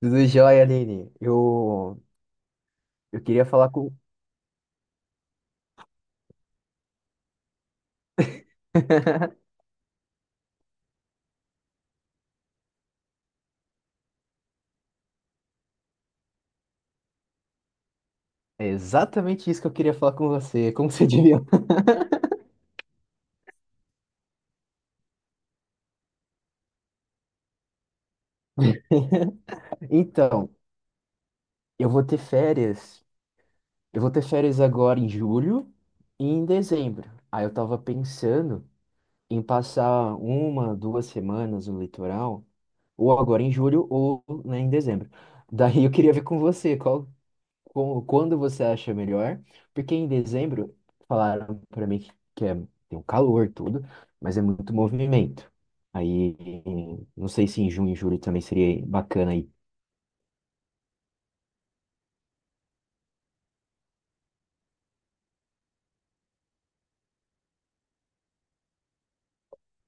Tudo jóia, Aline. Eu queria falar com. É exatamente isso que eu queria falar com você. Como você diria? Então, eu vou ter férias. Eu vou ter férias agora em julho e em dezembro. Aí eu tava pensando em passar uma, duas semanas no litoral, ou agora em julho, ou, né, em dezembro. Daí eu queria ver com você. Qual, quando você acha melhor, porque em dezembro falaram para mim que tem um calor tudo, mas é muito movimento. Aí, não sei se em junho e julho também seria bacana aí.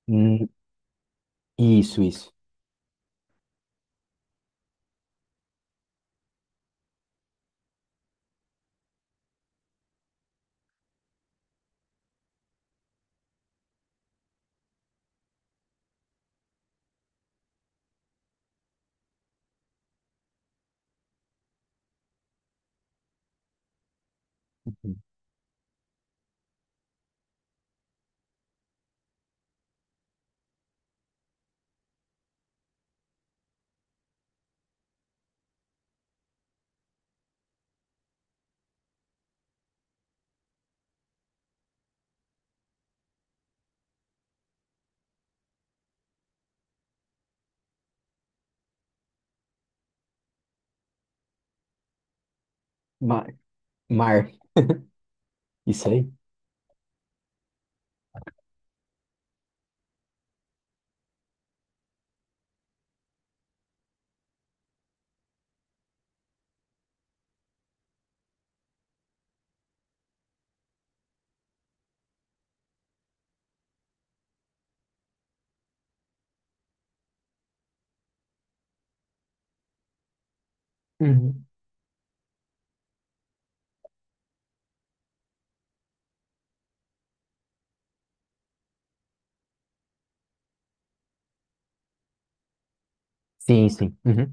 Hum, isso. Mar, mar. Isso aí? Uhum. Sim, sim. Uhum.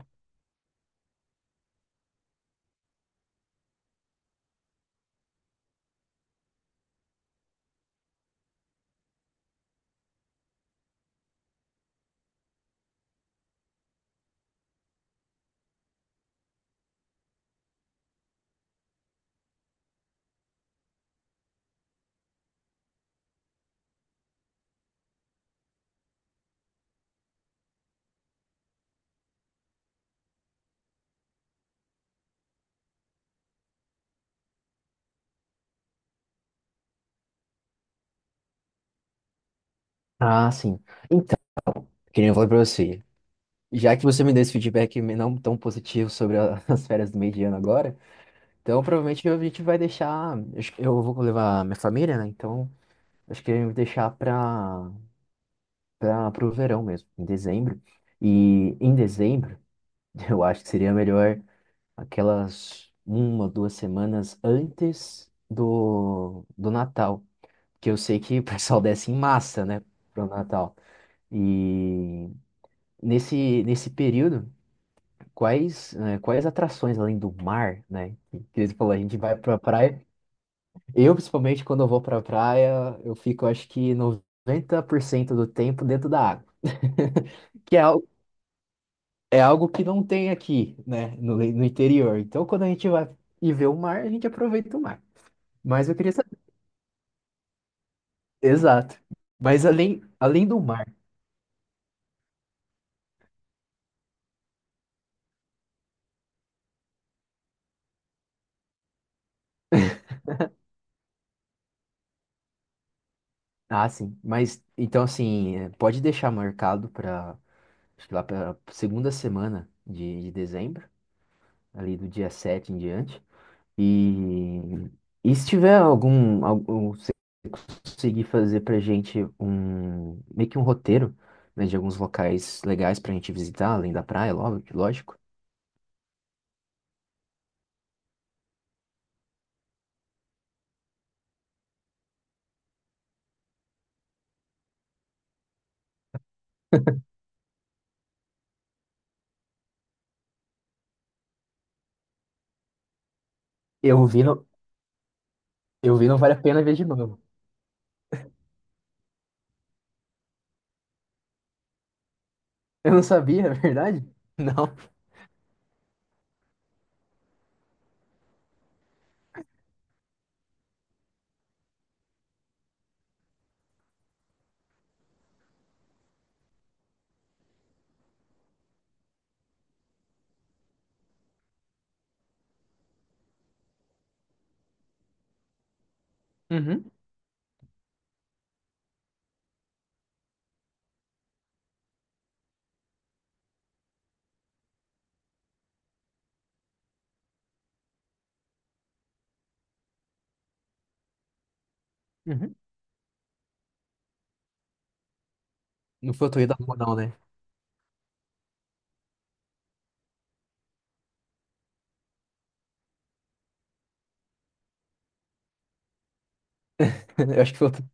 Ah, sim. Então, queria falar pra você. Já que você me deu esse feedback não tão positivo sobre as férias do meio de ano agora, então provavelmente a gente vai deixar. Eu acho que eu vou levar minha família, né? Então acho que eu vou deixar para para pro verão mesmo, em dezembro. E em dezembro, eu acho que seria melhor aquelas uma, duas semanas antes do Natal, que eu sei que o pessoal desce em massa, né, pro Natal. E nesse período, quais, né, quais atrações além do mar, né, que eles falou, a gente vai pra praia. Eu, principalmente, quando eu vou pra praia, eu fico, acho que 90% do tempo dentro da água. Que é algo que não tem aqui, né, no interior. Então, quando a gente vai e vê o mar, a gente aproveita o mar. Mas eu queria saber. Exato. Mas além do mar. Ah, sim. Mas, então, assim, é, pode deixar marcado para, acho que lá para segunda semana de dezembro, ali do dia 7 em diante. E, e se tiver algum. Conseguir fazer pra gente um meio que um roteiro, né, de alguns locais legais pra gente visitar, além da praia, lógico. Eu vi, não, eu vi, não vale a pena ver de novo. Eu não sabia, é verdade? Não. Uhum, uhum. Não foi o Tonho da Lua, não, né? Eu acho que foi o... Tonho-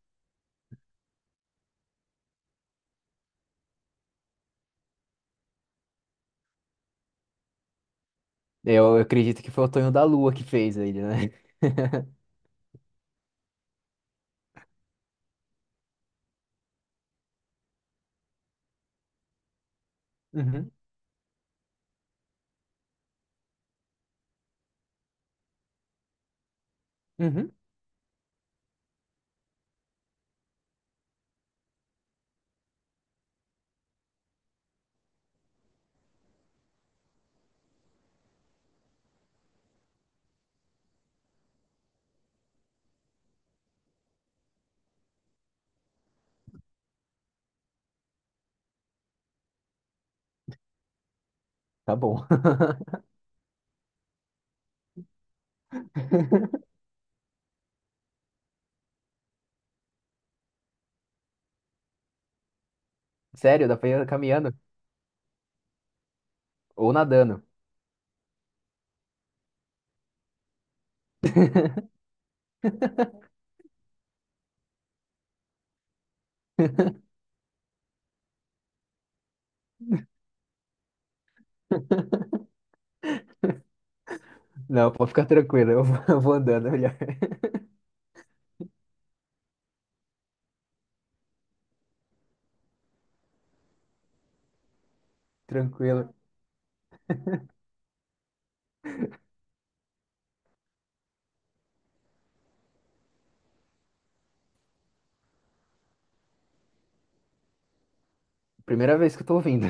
Eu acredito que foi o Tonho da Lua que fez ele, né? Uhum, uhum. Tá bom. Sério, dá pra ir caminhando ou nadando. Não, pode ficar tranquilo, eu vou andando melhor. Tranquilo. Primeira vez que eu tô ouvindo.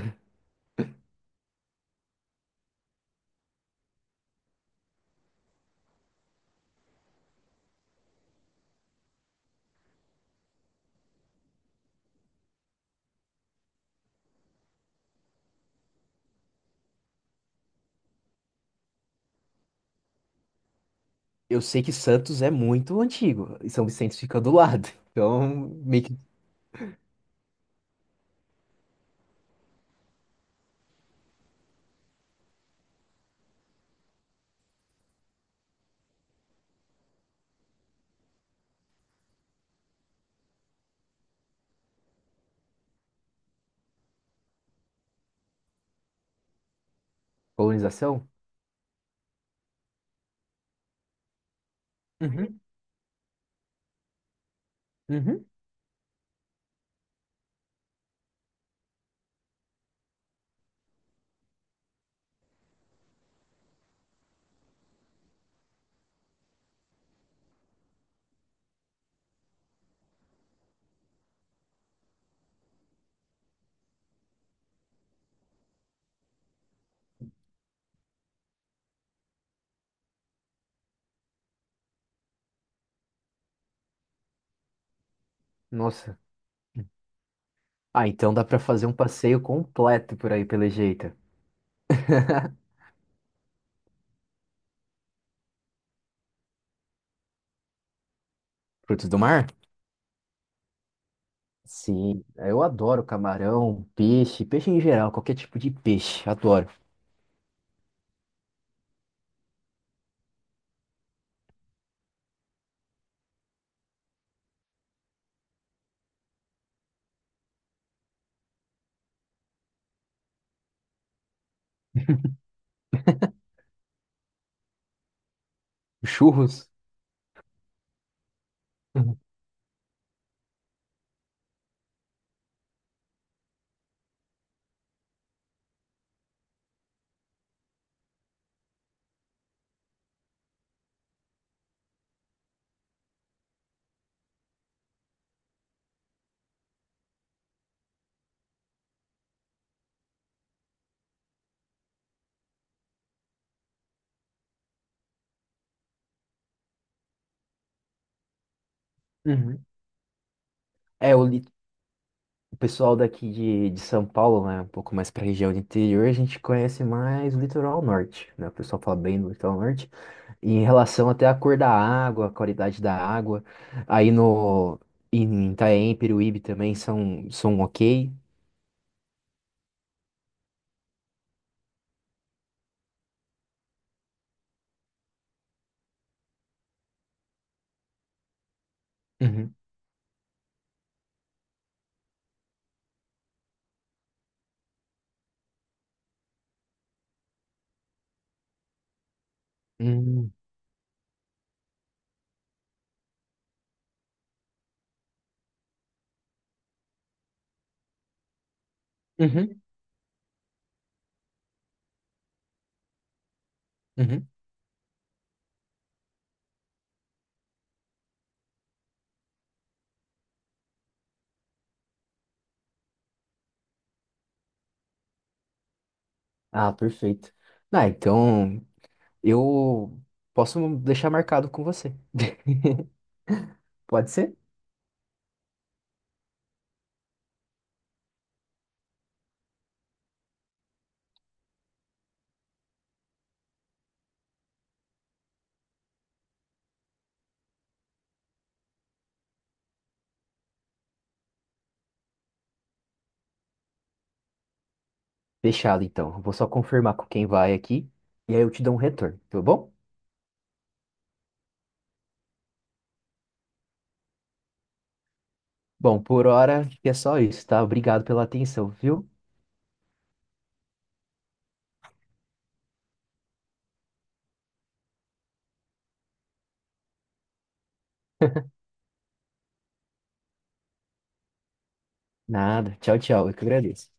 Eu sei que Santos é muito antigo e São Vicente fica do lado. Então, meio que colonização? Uhum, uhum. Nossa. Ah, então dá pra fazer um passeio completo por aí, pelo jeito. Frutos do mar? Sim, eu adoro camarão, peixe, peixe em geral, qualquer tipo de peixe, adoro. Churros? Uhum. Uhum. É, o pessoal daqui de São Paulo, né, um pouco mais para a região do interior, a gente conhece mais o litoral norte, né? O pessoal fala bem do litoral norte, e em relação até à cor da água, a qualidade da água. Aí no em Itanhaém, Peruíbe também são ok. Uhum. Hum. Uhum. Uhum. Ah, perfeito. Ah, então eu posso deixar marcado com você. Pode ser? Fechado, então. Vou só confirmar com quem vai aqui e aí eu te dou um retorno, tá bom? Bom, por hora acho que é só isso, tá? Obrigado pela atenção, viu? Nada. Tchau, tchau. Eu que agradeço.